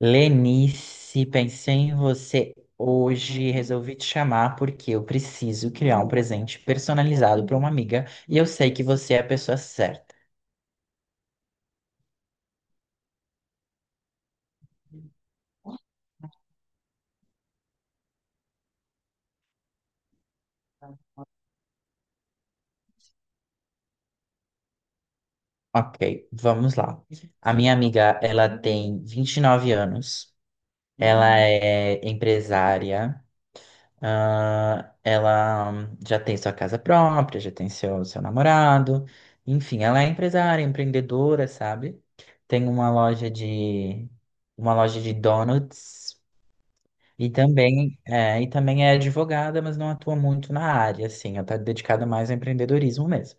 Lenice, pensei em você hoje, e resolvi te chamar porque eu preciso criar um presente personalizado para uma amiga e eu sei que você é a pessoa certa. Ok, vamos lá. A minha amiga, ela tem 29 anos, ela é empresária, ela já tem sua casa própria, já tem seu namorado, enfim, ela é empresária, empreendedora, sabe? Tem uma loja de donuts. E também é advogada, mas não atua muito na área, assim, ela está dedicada mais ao empreendedorismo mesmo.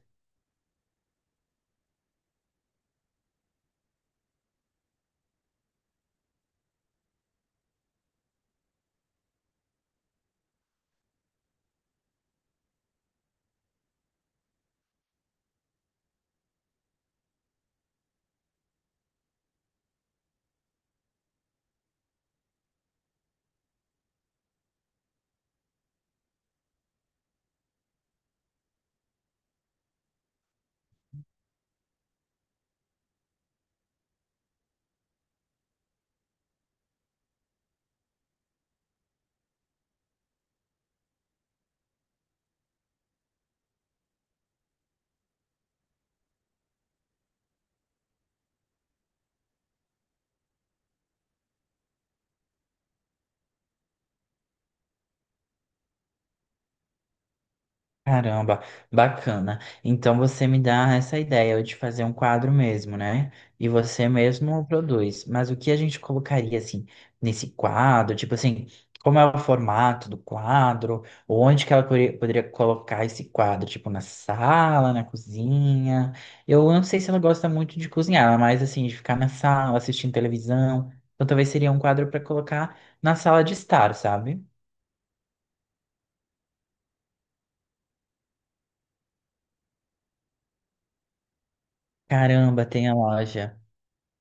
Caramba, bacana. Então você me dá essa ideia de fazer um quadro mesmo, né? E você mesmo produz. Mas o que a gente colocaria assim nesse quadro? Tipo assim, como é o formato do quadro? Onde que ela poderia colocar esse quadro? Tipo na sala, na cozinha? Eu não sei se ela gosta muito de cozinhar, mas assim, de ficar na sala, assistindo televisão. Então talvez seria um quadro para colocar na sala de estar, sabe? Caramba, tem a loja.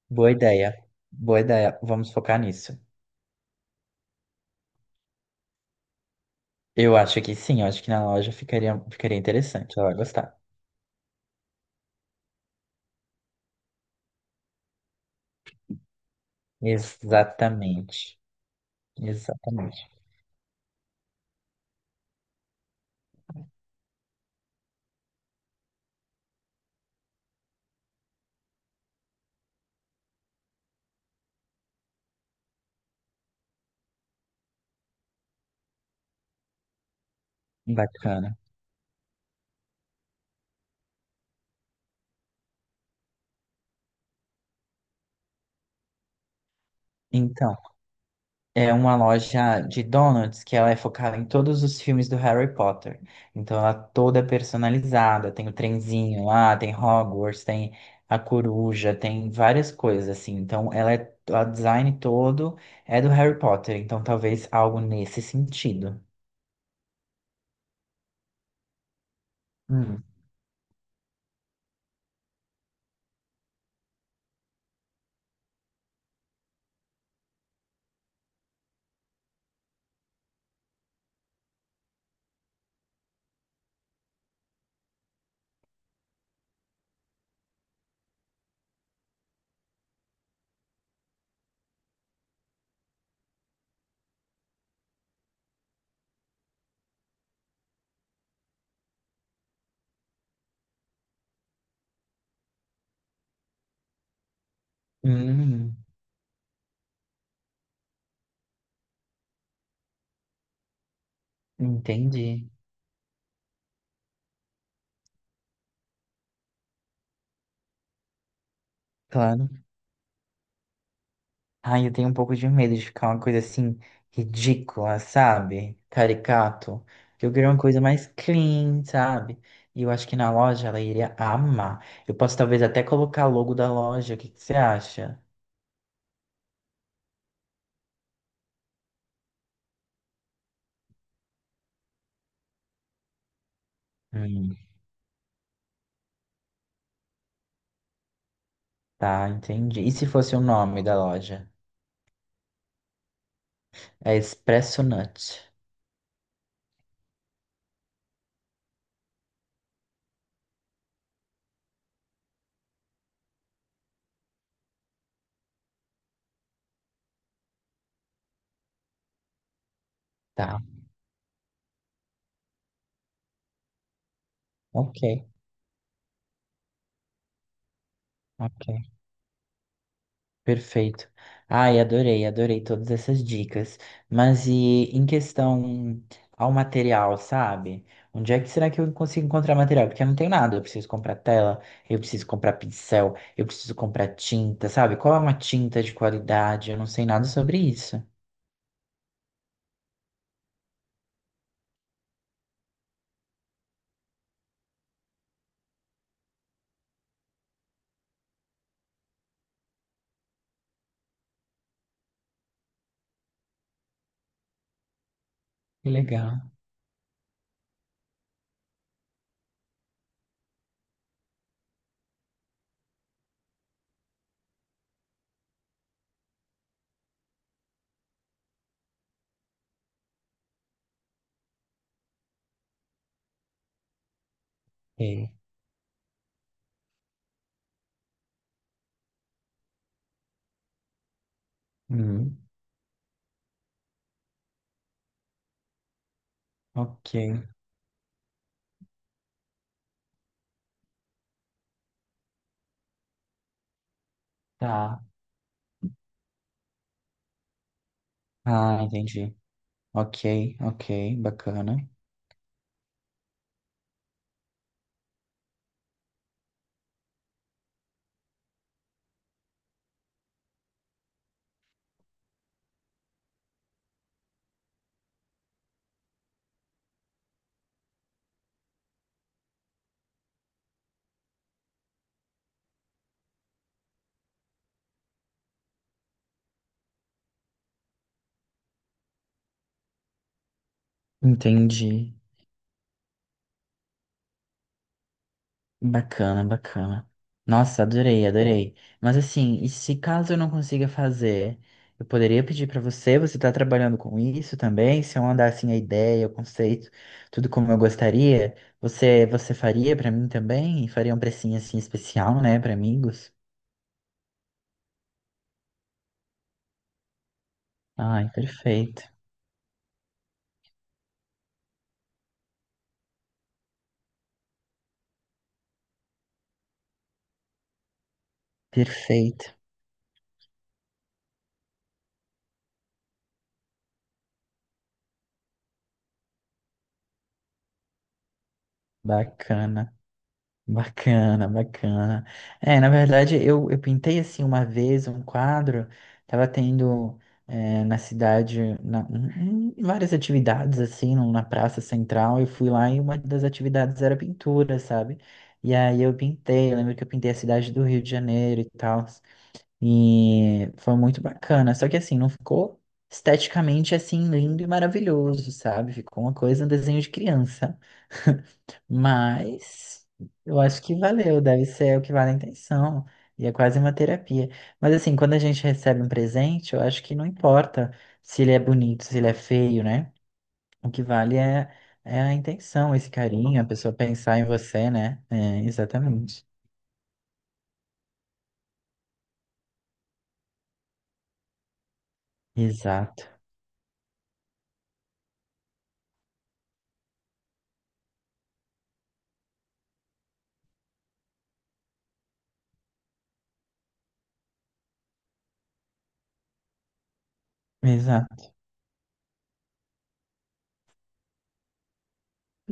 Boa ideia. Boa ideia. Vamos focar nisso. Eu acho que sim, eu acho que na loja ficaria, interessante. Ela vai gostar. Exatamente. Exatamente. Bacana. Então, é uma loja de donuts que ela é focada em todos os filmes do Harry Potter. Então, ela é toda é personalizada. Tem o trenzinho lá, tem Hogwarts, tem a coruja, tem várias coisas assim. Então, o design todo é do Harry Potter. Então, talvez algo nesse sentido. Hum. Hum, entendi. Claro. Ai, eu tenho um pouco de medo de ficar uma coisa assim ridícula, sabe? Caricato. Porque eu queria uma coisa mais clean, sabe? E eu acho que na loja ela iria amar. Eu posso talvez até colocar logo da loja. O que que você acha? Hum, tá, entendi. E se fosse o nome da loja? É Expresso Nut. Tá, ok, ok. Perfeito. Ai, adorei, adorei todas essas dicas. Mas e em questão ao material, sabe? Onde é que será que eu consigo encontrar material? Porque eu não tenho nada. Eu preciso comprar tela, eu preciso comprar pincel, eu preciso comprar tinta, sabe? Qual é uma tinta de qualidade? Eu não sei nada sobre isso. Que legal. Ok. Hum, ok. Tá. Ah, entendi. Ok, ok, bacana. Entendi. Bacana, bacana. Nossa, adorei, adorei. Mas assim, e se caso eu não consiga fazer, eu poderia pedir para você, você tá trabalhando com isso também? Se eu mandar assim a ideia, o conceito, tudo como eu gostaria, você faria para mim também? E faria um precinho assim especial, né, para amigos? Ai, perfeito. Perfeito. Bacana. Bacana, bacana. É, na verdade, eu pintei assim uma vez um quadro, tava tendo na cidade várias atividades assim, na praça central, eu fui lá e uma das atividades era pintura, sabe? E aí eu pintei, eu lembro que eu pintei a cidade do Rio de Janeiro e tal. E foi muito bacana. Só que assim, não ficou esteticamente assim lindo e maravilhoso, sabe? Ficou uma coisa, um desenho de criança. Mas eu acho que valeu, deve ser o que vale a intenção. E é quase uma terapia. Mas assim, quando a gente recebe um presente, eu acho que não importa se ele é bonito, se ele é feio, né? O que vale é, é a intenção, esse carinho, a pessoa pensar em você, né? É, exatamente. Exato. Exato.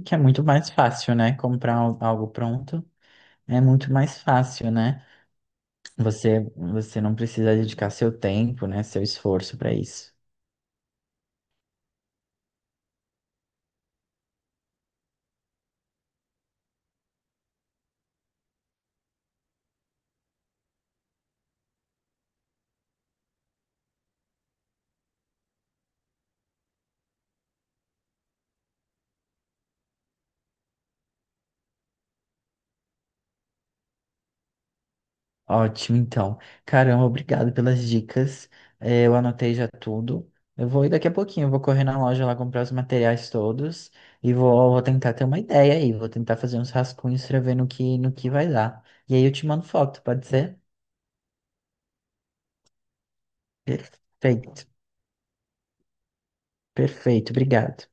Que é muito mais fácil, né? Comprar algo pronto é muito mais fácil, né? Você não precisa dedicar seu tempo, né? Seu esforço para isso. Ótimo, então. Caramba, obrigado pelas dicas. Eu anotei já tudo. Eu vou ir daqui a pouquinho, eu vou correr na loja lá comprar os materiais todos e vou tentar ter uma ideia aí. Vou tentar fazer uns rascunhos para ver no que vai dar. E aí eu te mando foto, pode ser? Perfeito, perfeito, obrigado.